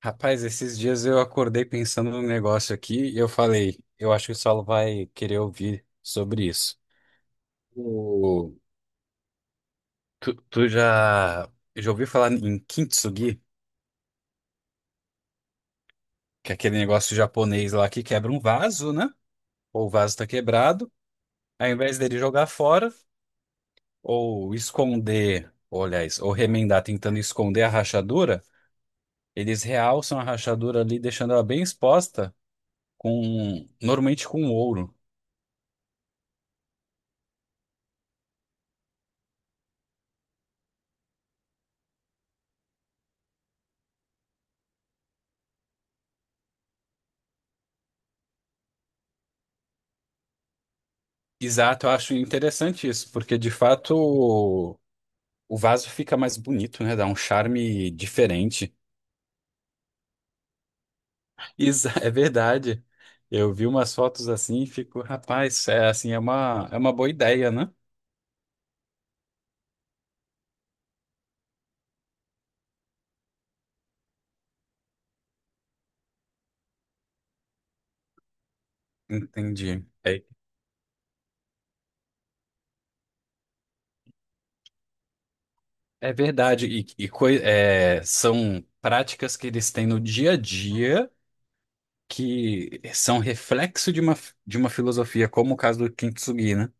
Rapaz, esses dias eu acordei pensando num negócio aqui e eu falei, eu acho que o Saulo vai querer ouvir sobre isso. O- tu já ouviu falar em kintsugi? Que é aquele negócio japonês lá que quebra um vaso, né? Ou o vaso tá quebrado, ao invés dele jogar fora ou esconder, ou, aliás, ou remendar tentando esconder a rachadura, eles realçam a rachadura ali, deixando ela bem exposta com, normalmente com ouro. Exato, eu acho interessante isso, porque de fato o vaso fica mais bonito, né? Dá um charme diferente. É verdade. Eu vi umas fotos assim e fico, rapaz, é assim, é uma boa ideia, né? Entendi. É, é verdade. É, são práticas que eles têm no dia a dia que são reflexo de uma filosofia, como o caso do Kintsugi, né?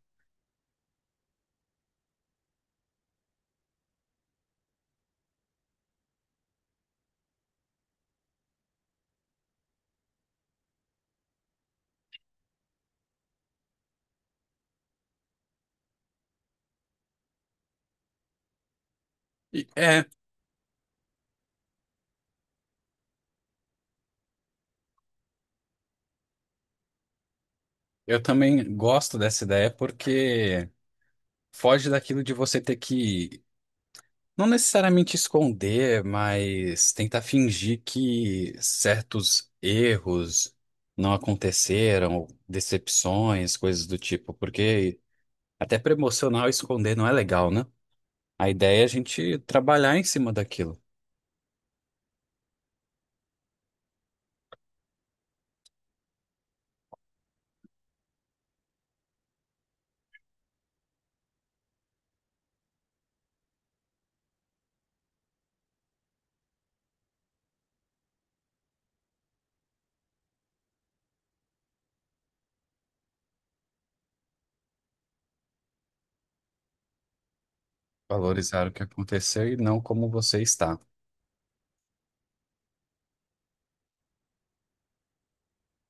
E, é, eu também gosto dessa ideia porque. Foge daquilo de você ter que, não necessariamente esconder, mas tentar fingir que certos erros não aconteceram, decepções, coisas do tipo, porque até para emocional esconder não é legal, né? A ideia é a gente trabalhar em cima daquilo, valorizar o que aconteceu e não como você está.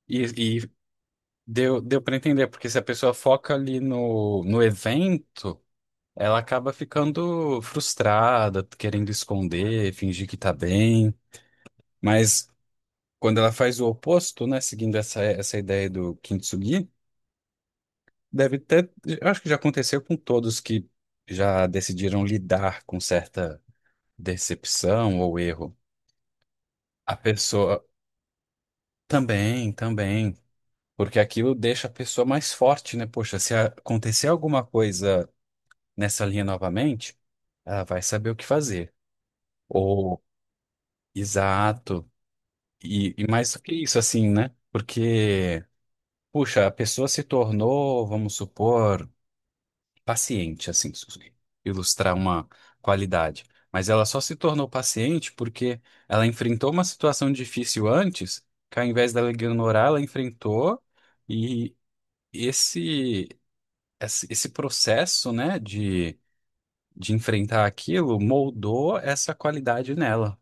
E, e deu para entender, porque se a pessoa foca ali no evento. Ela acaba ficando frustrada, querendo esconder, fingir que tá bem. Mas quando ela faz o oposto, né, seguindo essa ideia do Kintsugi, deve ter. Eu Acho que já aconteceu com todos que já decidiram lidar com certa decepção ou erro. A pessoa também, também. Porque aquilo deixa a pessoa mais forte, né? Poxa, se acontecer alguma coisa nessa linha novamente, ela vai saber o que fazer. Ou, exato. E mais do que isso, assim, né? Porque, puxa, a pessoa se tornou, vamos supor, paciente, assim, ilustrar uma qualidade. Mas ela só se tornou paciente porque ela enfrentou uma situação difícil antes, que ao invés dela ignorar, ela enfrentou e esse, esse processo, né, de enfrentar aquilo moldou essa qualidade nela.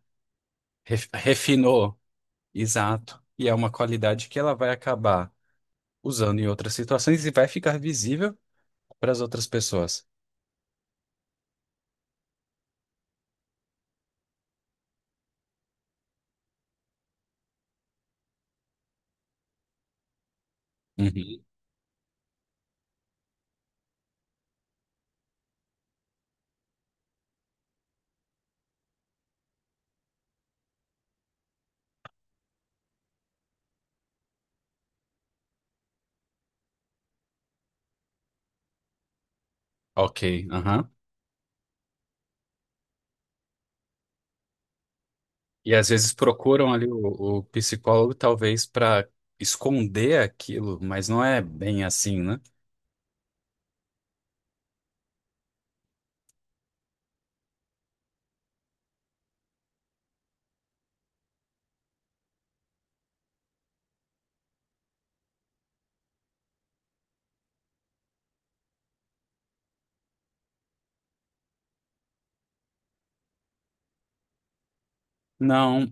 Refinou, exato. E é uma qualidade que ela vai acabar usando em outras situações e vai ficar visível para as outras pessoas. Uhum. Ok, aham. E às vezes procuram ali o psicólogo, talvez para esconder aquilo, mas não é bem assim, né? Não.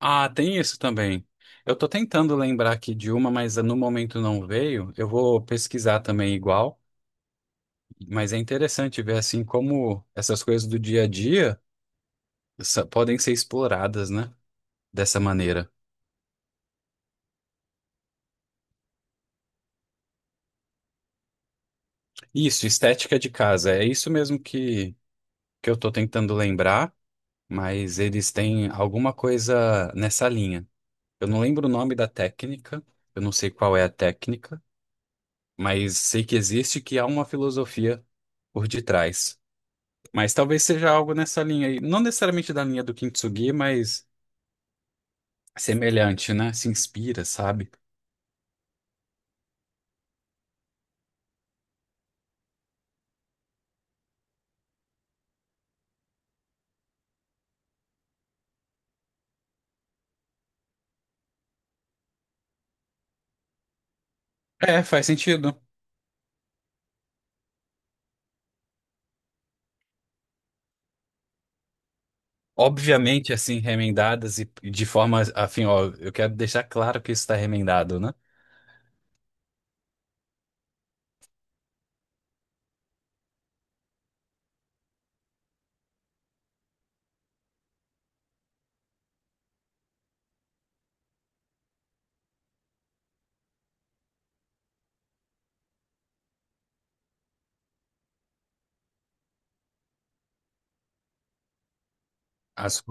Ah, tem isso também. Eu tô tentando lembrar aqui de uma, mas no momento não veio. Eu vou pesquisar também igual, mas é interessante ver assim como essas coisas do dia a dia podem ser exploradas, né? Dessa maneira. Isso, estética de casa. É isso mesmo que eu tô tentando lembrar, mas eles têm alguma coisa nessa linha. Eu não lembro o nome da técnica, eu não sei qual é a técnica, mas sei que existe, que há uma filosofia por detrás. Mas talvez seja algo nessa linha aí, não necessariamente da linha do Kintsugi, mas semelhante, né? Se inspira, sabe? É, faz sentido. Obviamente, assim, remendadas e de forma, afim, ó, eu quero deixar claro que isso está remendado, né? As,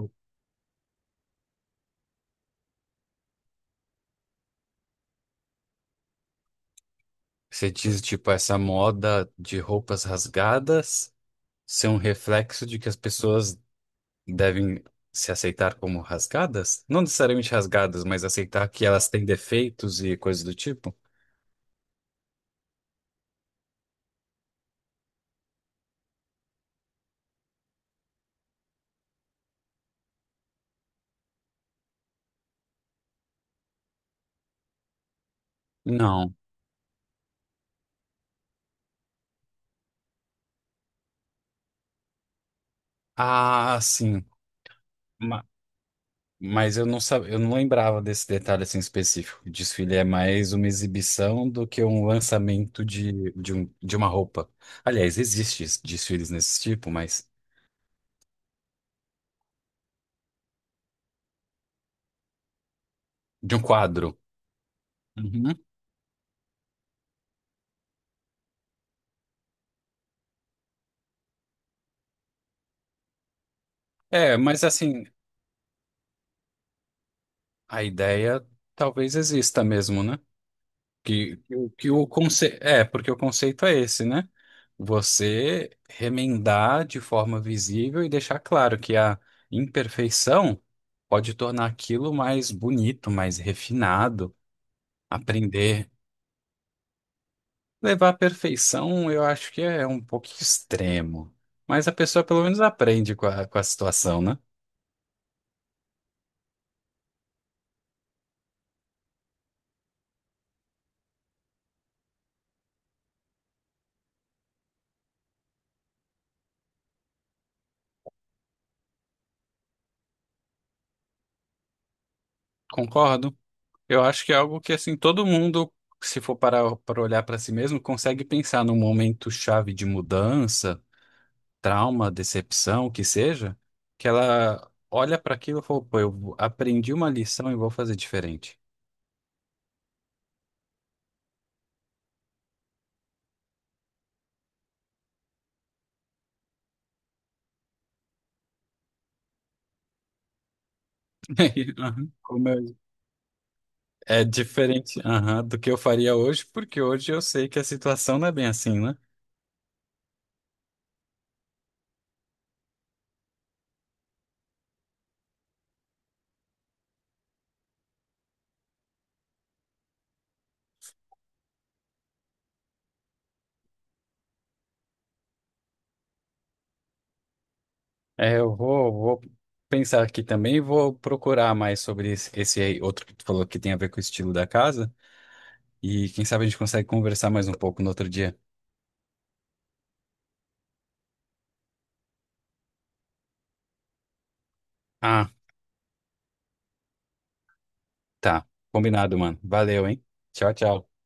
Você diz, tipo, essa moda de roupas rasgadas ser um reflexo de que as pessoas devem se aceitar como rasgadas? Não necessariamente rasgadas, mas aceitar que elas têm defeitos e coisas do tipo? Não. Ah, sim. Ma- mas eu não sabia, eu não lembrava desse detalhe assim específico. O desfile é mais uma exibição do que um lançamento de uma roupa. Aliás, existe desfiles nesse tipo, mas de um quadro. Uhum. É, mas assim, a ideia talvez exista mesmo, né? Que o conceito. É, porque o conceito é esse, né? Você remendar de forma visível e deixar claro que a imperfeição pode tornar aquilo mais bonito, mais refinado, aprender. Levar à perfeição, eu acho que é um pouco extremo. Mas a pessoa pelo menos aprende com a situação, né? Concordo? Eu acho que é algo que, assim, todo mundo, se for parar para olhar para si mesmo, consegue pensar num momento chave de mudança, trauma, decepção, o que seja, que ela olha para aquilo e fala, pô, eu aprendi uma lição e vou fazer diferente. Aham, é diferente, aham, do que eu faria hoje, porque hoje eu sei que a situação não é bem assim, né? É, eu vou pensar aqui também e vou procurar mais sobre esse, esse aí outro que tu falou que tem a ver com o estilo da casa. E quem sabe a gente consegue conversar mais um pouco no outro dia. Ah, tá. Combinado, mano. Valeu, hein? Tchau, tchau.